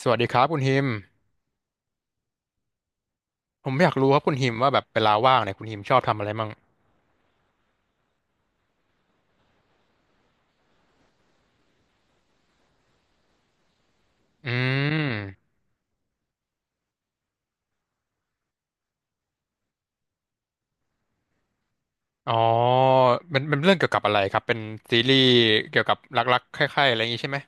สวัสดีครับคุณฮิมผมอยากรู้ครับคุณฮิมว่าแบบเวลาว่างเนี่ยคุณฮิมชอบทำอะไรมั่งอืมอ๋อมันเรื่องเกี่ยวกับอะไรครับ เป็นซีรีส์เกี่ยวกับรักๆคล้ายๆอะไรอย่างนี้ใช่ไหม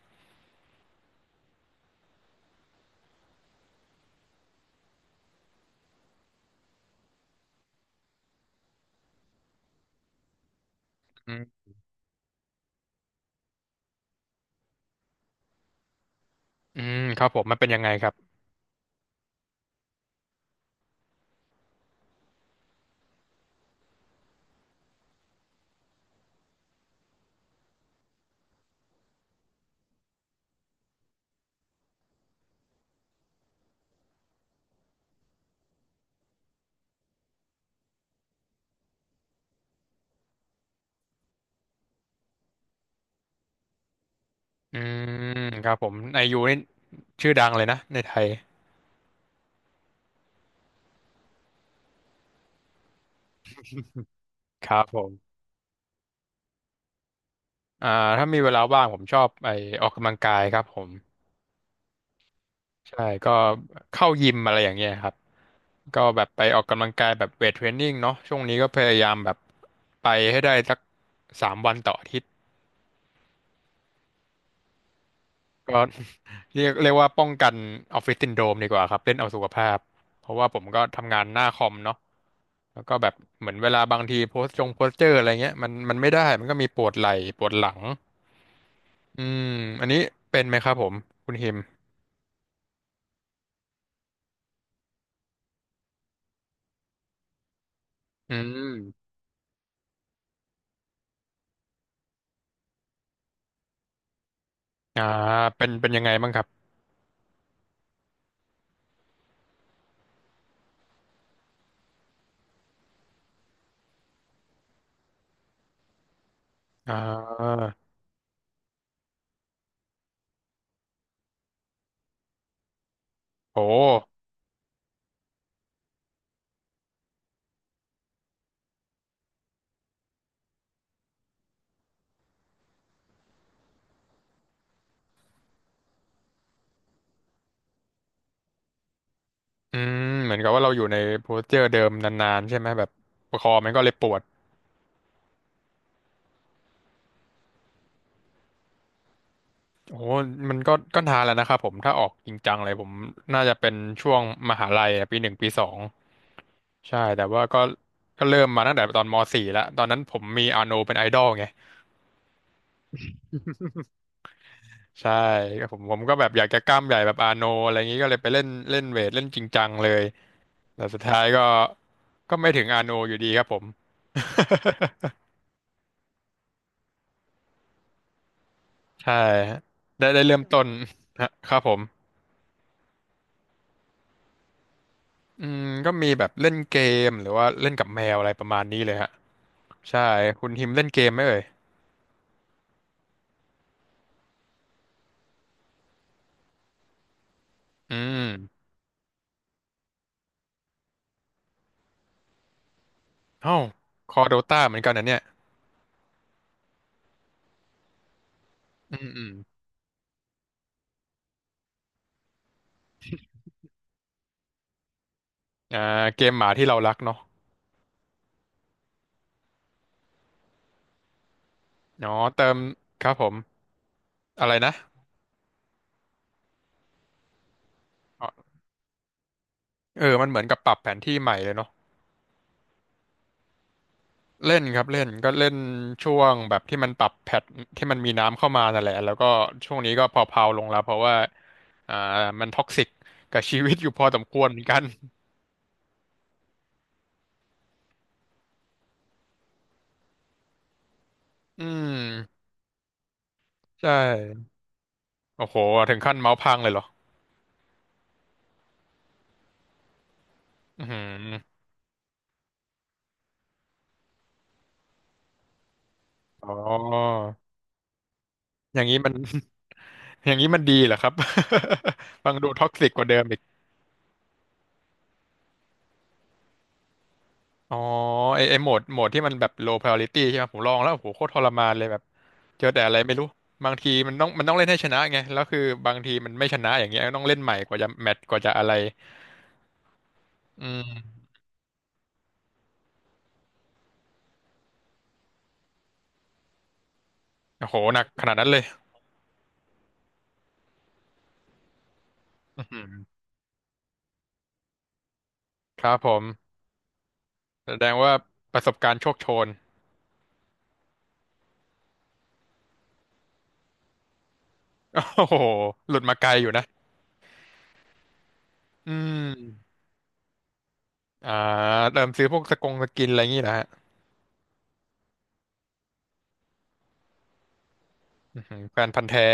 อืมอืมครับผมมันเป็นยังไงครับอืมครับผมไอยูนี่ชื่อดังเลยนะในไทยครับผมอ่าถ้ามีเวลาว่างผมชอบไปออกกำลังกายครับผม ใช่ก็เข้ายิมอะไรอย่างเงี้ยครับก็แบบไปออกกำลังกายแบบเวทเทรนนิ่งเนาะช่วงนี้ก็พยายามแบบไปให้ได้สัก3 วันต่ออาทิตย์ก็ เรียกว่าป้องกันออฟฟิศซินโดรมดีกว่าครับเล่นเอาสุขภาพเพราะว่าผมก็ทำงานหน้าคอมเนาะแล้วก็แบบเหมือนเวลาบางทีโพสต์จงโพสเจอร์อะไรเงี้ยมันไม่ได้มันก็มีปวดไหล่ปวดหลังอืมอันนี้เป็นไหมครับผมคุณฮิมอืมอ่าเป็นยังไงบ้างครับอ่าโห อืมเหมือนกับว่าเราอยู่ในโพสเจอร์เดิมนานๆใช่ไหมแบบคอมันก็เลยปวดโอ้โหมันก็นานแล้วนะครับผมถ้าออกจริงจังเลยผมน่าจะเป็นช่วงมหาลัยอะปีหนึ่งปีสองใช่แต่ว่าก็ก็เริ่มมาตั้งแต่ตอนมสี่แล้วตอนนั้นผมมีอาโนเป็นไอดอลไงใช่ก็ผมก็แบบอยากจะกล้ามใหญ่แบบอาโนอะไรอย่างนี้ก็เลยไปเล่นเล่นเวทเล่นจริงจังเลยแต่สุดท้ายก็ก็ไม่ถึงอาโนอยู่ดีครับผม ใช่ได้ได้เริ่มต้นฮะครับผม อืมก็มีแบบเล่นเกมหรือว่าเล่นกับแมวอะไรประมาณนี้เลยฮะใช่คุณฮิมเล่นเกมไหมเอ่ยอืมเอ้าคอโดตาเหมือนกันนะเนี่ยอืมอืมอ่าเกมหมาที่เรารักเนาะอ๋อเติมครับผมอะไรนะอ๋อเออมันเหมือนกับปรับแผนที่ใหม่เลยเนาะเล่นครับเล่นก็เล่นช่วงแบบที่มันปรับแพทที่มันมีน้ำเข้ามานั่นแหละแล้วก็ช่วงนี้ก็พอเพาๆลงแล้วเพราะว่าอ่ามันท็อกซิกกับชีวิตอยู่พอสมควรเหมือนกันอืมใช่ โอ้โหถึงขั้นเมาส์พังเลยเหรออือหืออ๋ออย่างนี้มัน อย่างนี้มันดีเหรอครับ ฟังดูท็อกซิกกว่าเดิมอีกอ๋อไอไอโหมดโหมดที่มันแบบ low priority ใช่ไหมผมลองแล้วโอ้โหโคตรทรมานเลยแบบเจอแต่อะไรไม่รู้บางทีมันต้องเล่นให้ชนะไงแล้วคือบางทีมันไม่ชนะอย่างเงี้ยต้องเล่นใหม่กว่าจะแมตช์กว่าจะอะไรอืมโอ้โหหนักขนาดนั้นเลยอือหือครับผมแสดงว่าประสบการณ์โชคโชน โอ้โหหลุดมาไกลอยู่นะอืม อ่าเริ่มซื้อพวกสกงสกินอะไรอย่างงี้นะฮะอื้อหือแฟนพันธุ์แท้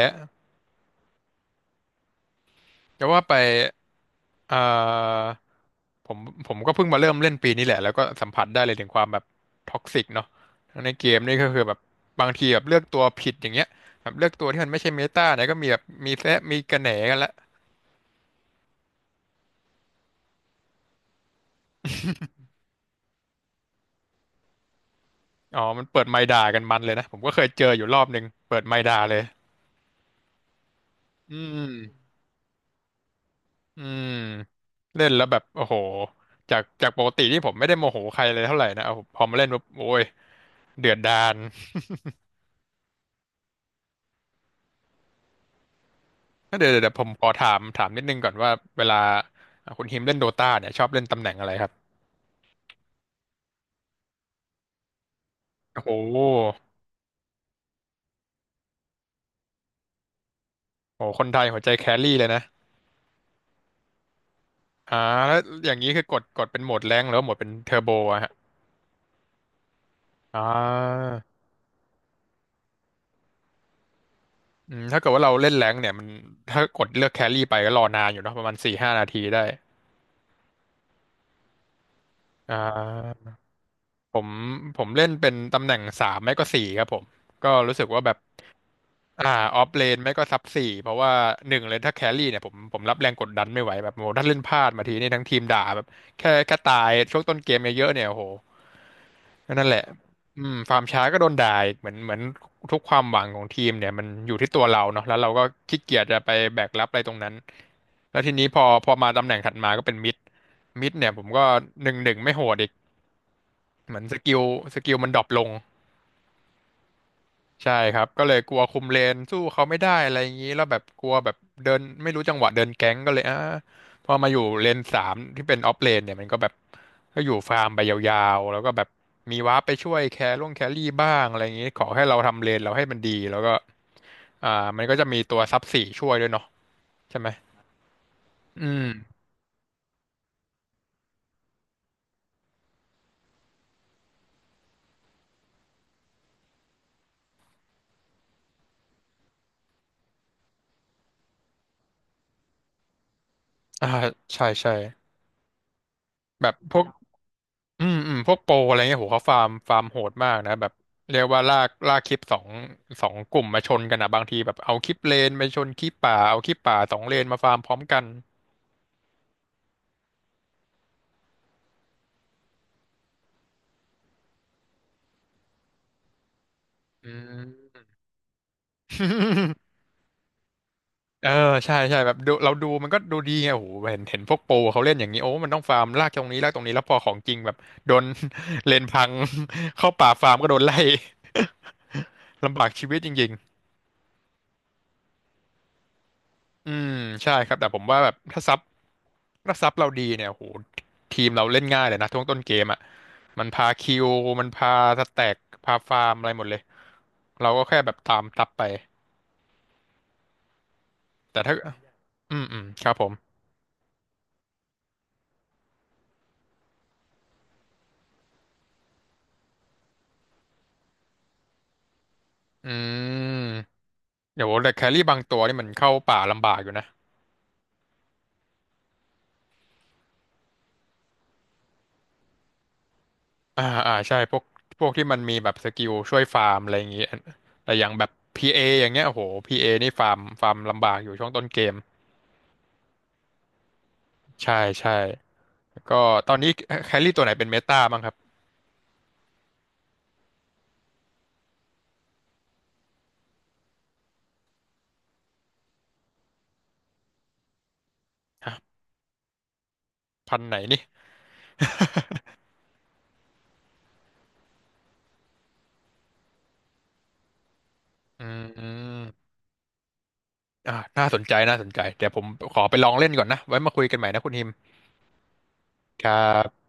แต่ว่าไปอ่าผมผมก็เพิ่งมาเริ่มเล่นปีนี้แหละแล้วก็สัมผัสได้เลยถึงความแบบท็อกซิกเนาะในเกมนี่ก็คือแบบบางทีแบบเลือกตัวผิดอย่างเงี้ยแบบเลือกตัวที่มันไม่ใช่เมตาเนี่ยก็มีแบบมีแซะมีกระแหนกันละ อ๋อมันเปิดไมค์ด่ากันมันเลยนะผมก็เคยเจออยู่รอบหนึ่งเปิดไมค์ด่าเลยอืม อืมเล่นแล้วแบบโอ้โหจากจากปกติที่ผมไม่ได้โมโหใครเลยเท่าไหร่นะเอาพอมาเล่นปุ๊บโอ้ยเดือดดาลก็เดี๋ยวผมขอถามนิดนึงก่อนว่าเวลาอ่ะคุณฮิมเล่นโดตาเนี่ยชอบเล่นตำแหน่งอะไรครับ โอ้โหโอ้โหคนไทยหัวใจแครี่เลยนะอ่าแล้วอย่างนี้คือกดเป็นโหมดแรงค์หรือว่าโหมดเป็นเทอร์โบอะฮะอ่าอืมถ้าเกิดว่าเราเล่นแรงค์เนี่ยมันถ้ากดเลือกแครี่ไปก็รอนานอยู่เนาะประมาณ4-5 นาทีได้อ่า ผมผมเล่นเป็นตำแหน่งสามไม่ก็สี่ครับผมก็รู้สึกว่าแบบอ่าออฟเลนไม่ก็ซับสี่เพราะว่าหนึ่งเลยถ้าแครี่เนี่ยผมรับแรงกดดันไม่ไหวแบบโหถ้าเล่นพลาดมาทีนี่ทั้งทีมด่าแบบแค่ตายช่วงต้นเกมเยอะๆเนี่ยโอ้โหนั่นแหละอืมฟาร์มช้าก็โดนด่าอีกเหมือนทุกความหวังของทีมเนี่ยมันอยู่ที่ตัวเราเนาะแล้วเราก็ขี้เกียจจะไปแบกรับอะไรตรงนั้นแล้วทีนี้พอมาตำแหน่งถัดมาก็เป็นมิดมิดเนี่ยผมก็หนึ่งไม่โหดอีกเหมือนสกิลสกิลมันดรอปลง ใช่ครับก็เลยกลัวคุมเลนสู้เขาไม่ได้อะไรอย่างนี้แล้วแบบกลัวแบบเดินไม่รู้จังหวะเดินแก๊งก็เลยพอมาอยู่เลนสามที่เป็นออฟเลนเนี่ยมันก็แบบก็อยู่ฟาร์มไปยาวๆแล้วก็แบบมีวาร์ปไปช่วยแครี่บ้างอะไรอย่างนี้ขอให้เราทำเลนเราให้มันดีแล้วก็อ่ามันก็จะมีตัวซับสี่ช่วยด้วยเนาะใช่ไหมอืมอ่าใช่ใช่แบบพวก อืมอืมพวกโปรอะไรเงี้ยโหเขาฟาร์มโหดมากนะแบบเรียกว่าลากคลิปสองสองกลุ่มมาชนกันอะบางทีแบบเอาคลิปเลนไปชนคลิปป่าเอาคลิปป่าสองเลนมาฟาร์มพร้อมกันอืม เออใช่ใช่แบบดูเราดูมันก็ดูดีไงโโหเห็นพวกโปรเขาเล่นอย่างนี้โอ้มันต้องฟาร์มลากตรงนี้ลากตรงนี้แล้วพอของจริงแบบโดน เลนพัง เข้าป่าฟาร์มก็โดนไล่ ลำบากชีวิตจริง อืมใช่ครับแต่ผมว่าแบบถ้าซับเราดีเนี่ยโหทีมเราเล่นง่ายเลยนะช่วงต้นเกมอ่ะมันพาคิวมันพาสแต็กพาฟาร์มอะไรหมดเลยเราก็แค่แบบตามซับไปแต่ถ้าอืมอืมครับผมอืมเดี๋ยวแต่แครี่บางตัวนี่มันเข้าป่าลำบากอยู่นะใช่พวกพวกที่มันมีแบบสกิลช่วยฟาร์มอะไรอย่างงี้แต่อย่างแบบพีเออย่างเงี้ยโอ้โหพีเอนี่ฟาร์มลำบากอยู่ช่วงต้นเกมใช่ใช่ แล้วก็ตอนนี้แครี่ตัวไหนเป็นเมตาบ้างครับฮะพันธุ์ไหนนี่ อืม อืมอ่าน่าสนใจน่าสนใจเดี๋ยวผมขอไปลองเล่นก่อนนะไว้มาคุยกันใหม่นะคุณฮิมครับ